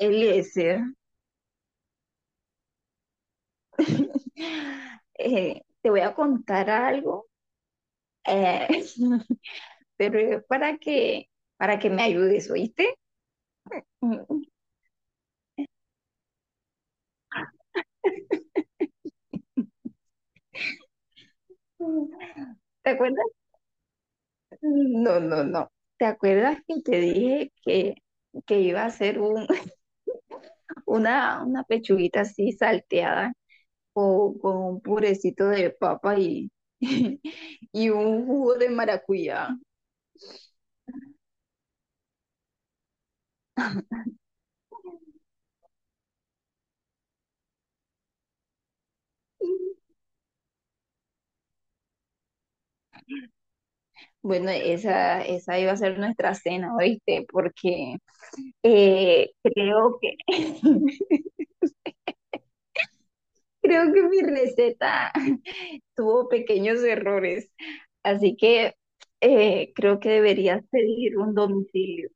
Eliezer, te voy a contar algo, eh, pero es para que me ayudes, ¿oíste? ¿Te acuerdas? No, no, no. ¿Te acuerdas que te dije que iba a hacer una pechuguita así salteada o con un purecito de papa y, y un jugo de maracuyá. Bueno, esa iba a ser nuestra cena, ¿oíste? Porque creo que creo que mi receta tuvo pequeños errores. Así que creo que deberías pedir un domicilio.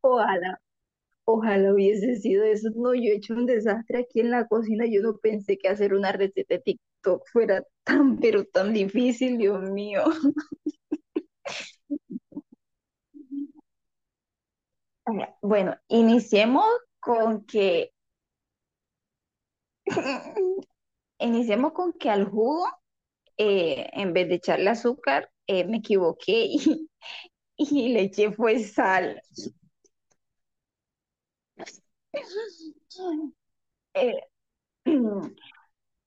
Ojalá. Ojalá hubiese sido eso. No, yo he hecho un desastre aquí en la cocina. Yo no pensé que hacer una receta de TikTok fuera tan, pero tan difícil, Dios mío. Ajá. Bueno, con que, iniciemos con que al jugo, en vez de echarle azúcar, me equivoqué y le eché fue sal. Eh,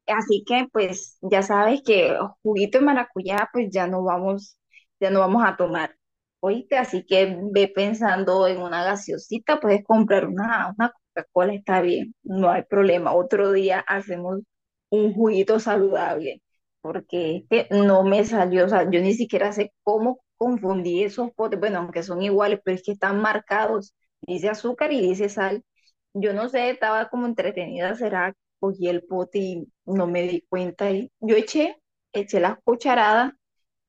Así que pues ya sabes que juguito de maracuyá pues ya no ya no vamos a tomar. Oíste, así que ve pensando en una gaseosita, puedes comprar una Coca-Cola, está bien, no hay problema. Otro día hacemos un juguito saludable, porque este no me salió, o sea, yo ni siquiera sé cómo confundí esos potes, bueno, aunque son iguales, pero es que están marcados, dice azúcar y dice sal. Yo no sé, estaba como entretenida, ¿será cogí el pote y no me di cuenta y yo eché las cucharadas,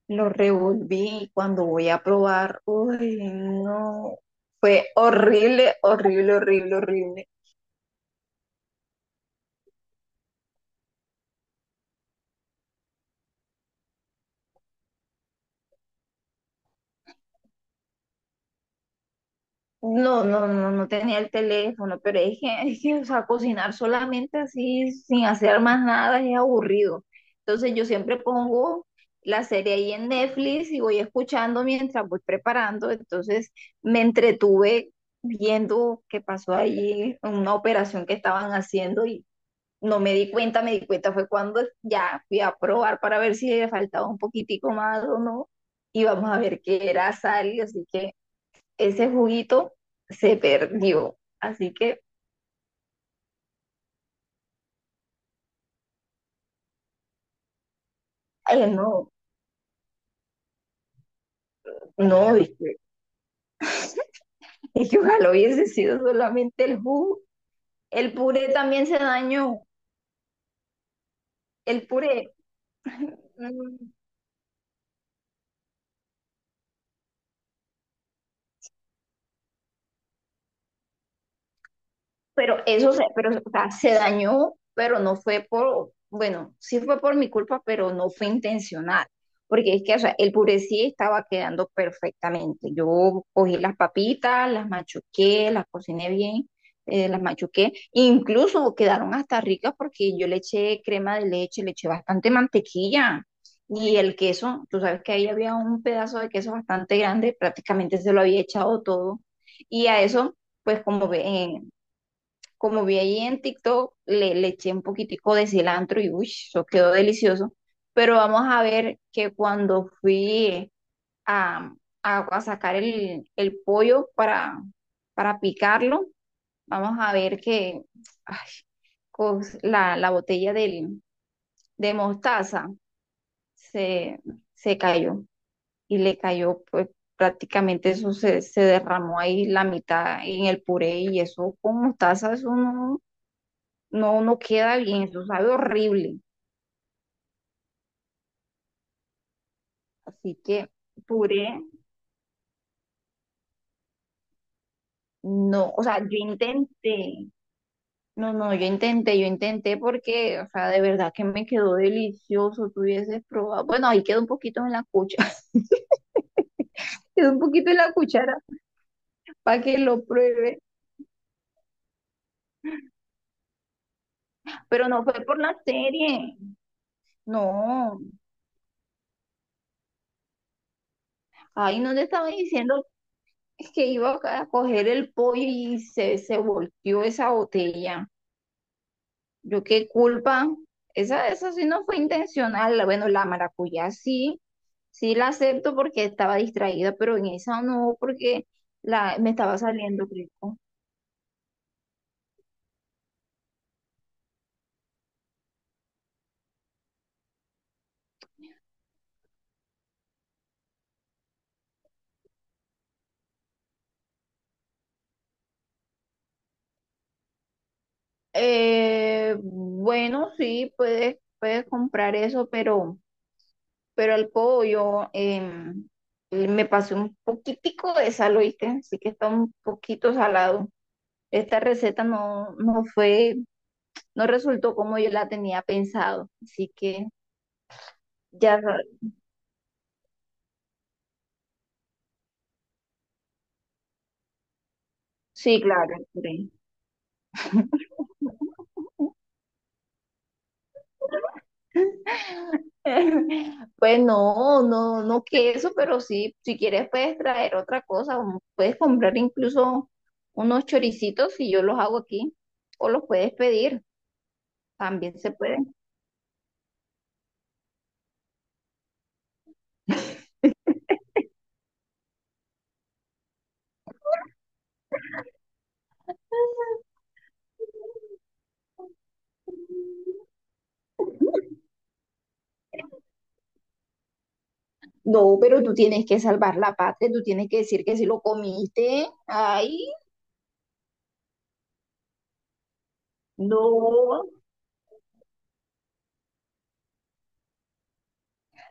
lo revolví y cuando voy a probar, uy, no, fue horrible, horrible, horrible, horrible. No, no, no, no tenía el teléfono, pero es que, o sea, cocinar solamente así, sin hacer más nada, es aburrido. Entonces yo siempre pongo la serie ahí en Netflix y voy escuchando mientras voy preparando. Entonces me entretuve viendo qué pasó allí, una operación que estaban haciendo y no me di cuenta, me di cuenta fue cuando ya fui a probar para ver si le faltaba un poquitico más o no. Y vamos a ver qué era sal, así que ese juguito se perdió. Así que, ay, no, no, viste. Y que ojalá hubiese sido solamente el jugo. El puré también se dañó. El puré. Mm, Pero eso se, pero, o sea, se dañó, pero no fue por, bueno, sí fue por mi culpa, pero no fue intencional. Porque es que, o sea, el puré sí estaba quedando perfectamente. Yo cogí las papitas, las machuqué, las cociné bien, las machuqué. Incluso quedaron hasta ricas porque yo le eché crema de leche, le eché bastante mantequilla. Y el queso, tú sabes que ahí había un pedazo de queso bastante grande, prácticamente se lo había echado todo. Y a eso pues como ve, como vi ahí en TikTok, le eché un poquitico de cilantro y uy, eso quedó delicioso. Pero vamos a ver que cuando fui a, a sacar el pollo para picarlo, vamos a ver que ay, la botella de mostaza se, se cayó y le cayó, pues prácticamente eso se derramó ahí la mitad en el puré y eso con mostaza, eso no. No, no queda bien, eso sabe horrible. Así que puré, no, o sea, yo intenté, no, no, yo intenté porque, o sea, de verdad que me quedó delicioso, tú hubieses probado. Bueno, ahí quedó un poquito en la cuchara. Quedó un poquito en la cuchara para que lo pruebe, pero no fue por la serie, no, ahí no te estaba diciendo que iba a coger el pollo y se volteó esa botella. Yo qué culpa. Esa sí no fue intencional. Bueno, la maracuyá sí, sí la acepto porque estaba distraída, pero en esa no, porque me estaba saliendo rico. Bueno, sí, puedes comprar eso, pero el pollo me pasé un poquitico de sal, ¿oíste? Así que está un poquito salado. Esta receta no fue, no resultó como yo la tenía pensado. Así que ya, sí, claro, sí. Pues no, no, no queso, pero sí, si quieres puedes traer otra cosa, o puedes comprar incluso unos choricitos y yo los hago aquí, o los puedes pedir, también se pueden. No, pero tú tienes que salvar la patria, tú tienes que decir que sí lo comiste. Ay, no.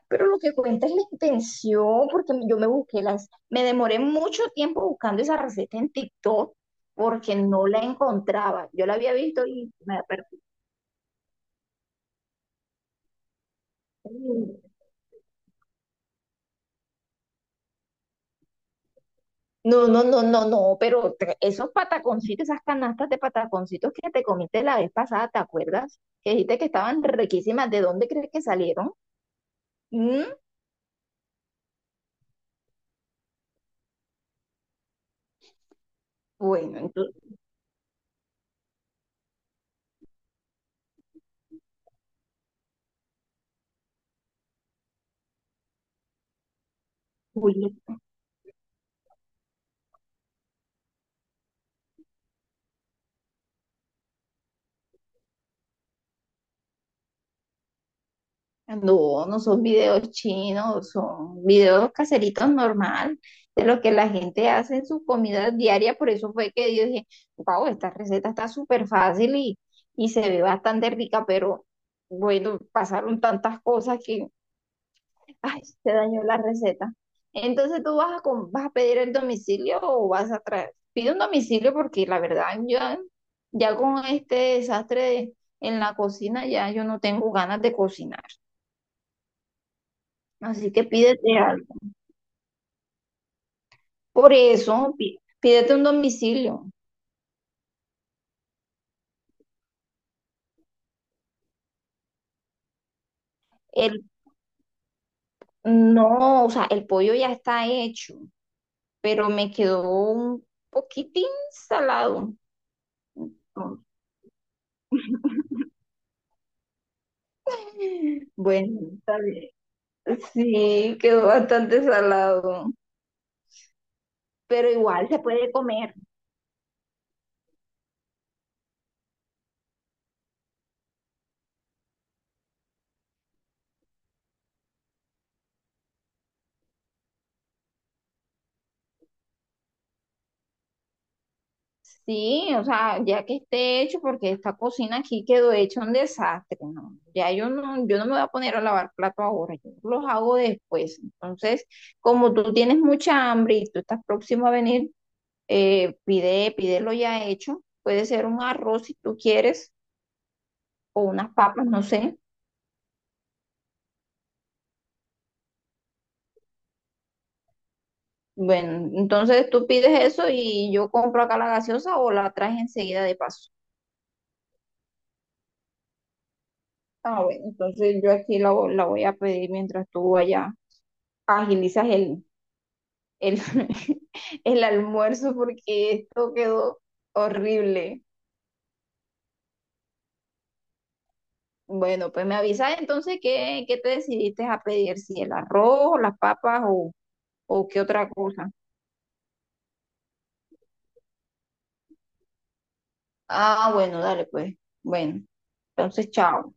Pero lo que cuenta es la intención, porque yo me busqué las, me demoré mucho tiempo buscando esa receta en TikTok porque no la encontraba. Yo la había visto y me la perdí. No, no, no, no, no, pero esos pataconcitos, esas canastas de pataconcitos que te comiste la vez pasada, ¿te acuerdas? Que dijiste que estaban riquísimas. ¿De dónde crees que salieron? Mm. Bueno, entonces, no, no son videos chinos, son videos caseritos normal, de lo que la gente hace en sus comidas diarias. Por eso fue que yo dije, wow, esta receta está súper fácil y se ve bastante rica, pero bueno, pasaron tantas cosas que, ay, se dañó la receta. Entonces tú vas vas a pedir el domicilio o vas a traer, pide un domicilio porque la verdad yo ya con este desastre en la cocina ya yo no tengo ganas de cocinar. Así que pídete algo. Por eso, pídete un domicilio. El, no, o sea, el pollo ya está hecho, pero me quedó un poquitín salado. Bueno, está bien. Sí, quedó bastante salado, pero igual se puede comer. Sí, o sea, ya que esté hecho, porque esta cocina aquí quedó hecha un desastre, ¿no? Ya yo no, yo no me voy a poner a lavar plato ahora, yo los hago después. Entonces, como tú tienes mucha hambre y tú estás próximo a venir, pide, pídelo ya hecho. Puede ser un arroz si tú quieres, o unas papas, no sé. Bueno, entonces tú pides eso y yo compro acá la gaseosa o la traes enseguida de paso. Ah, bueno, entonces yo aquí la voy a pedir mientras tú allá agilizas el, el almuerzo porque esto quedó horrible. Bueno, pues me avisas entonces qué te decidiste a pedir, si el arroz, las papas o qué otra cosa. Ah, bueno, dale pues. Bueno, entonces chao.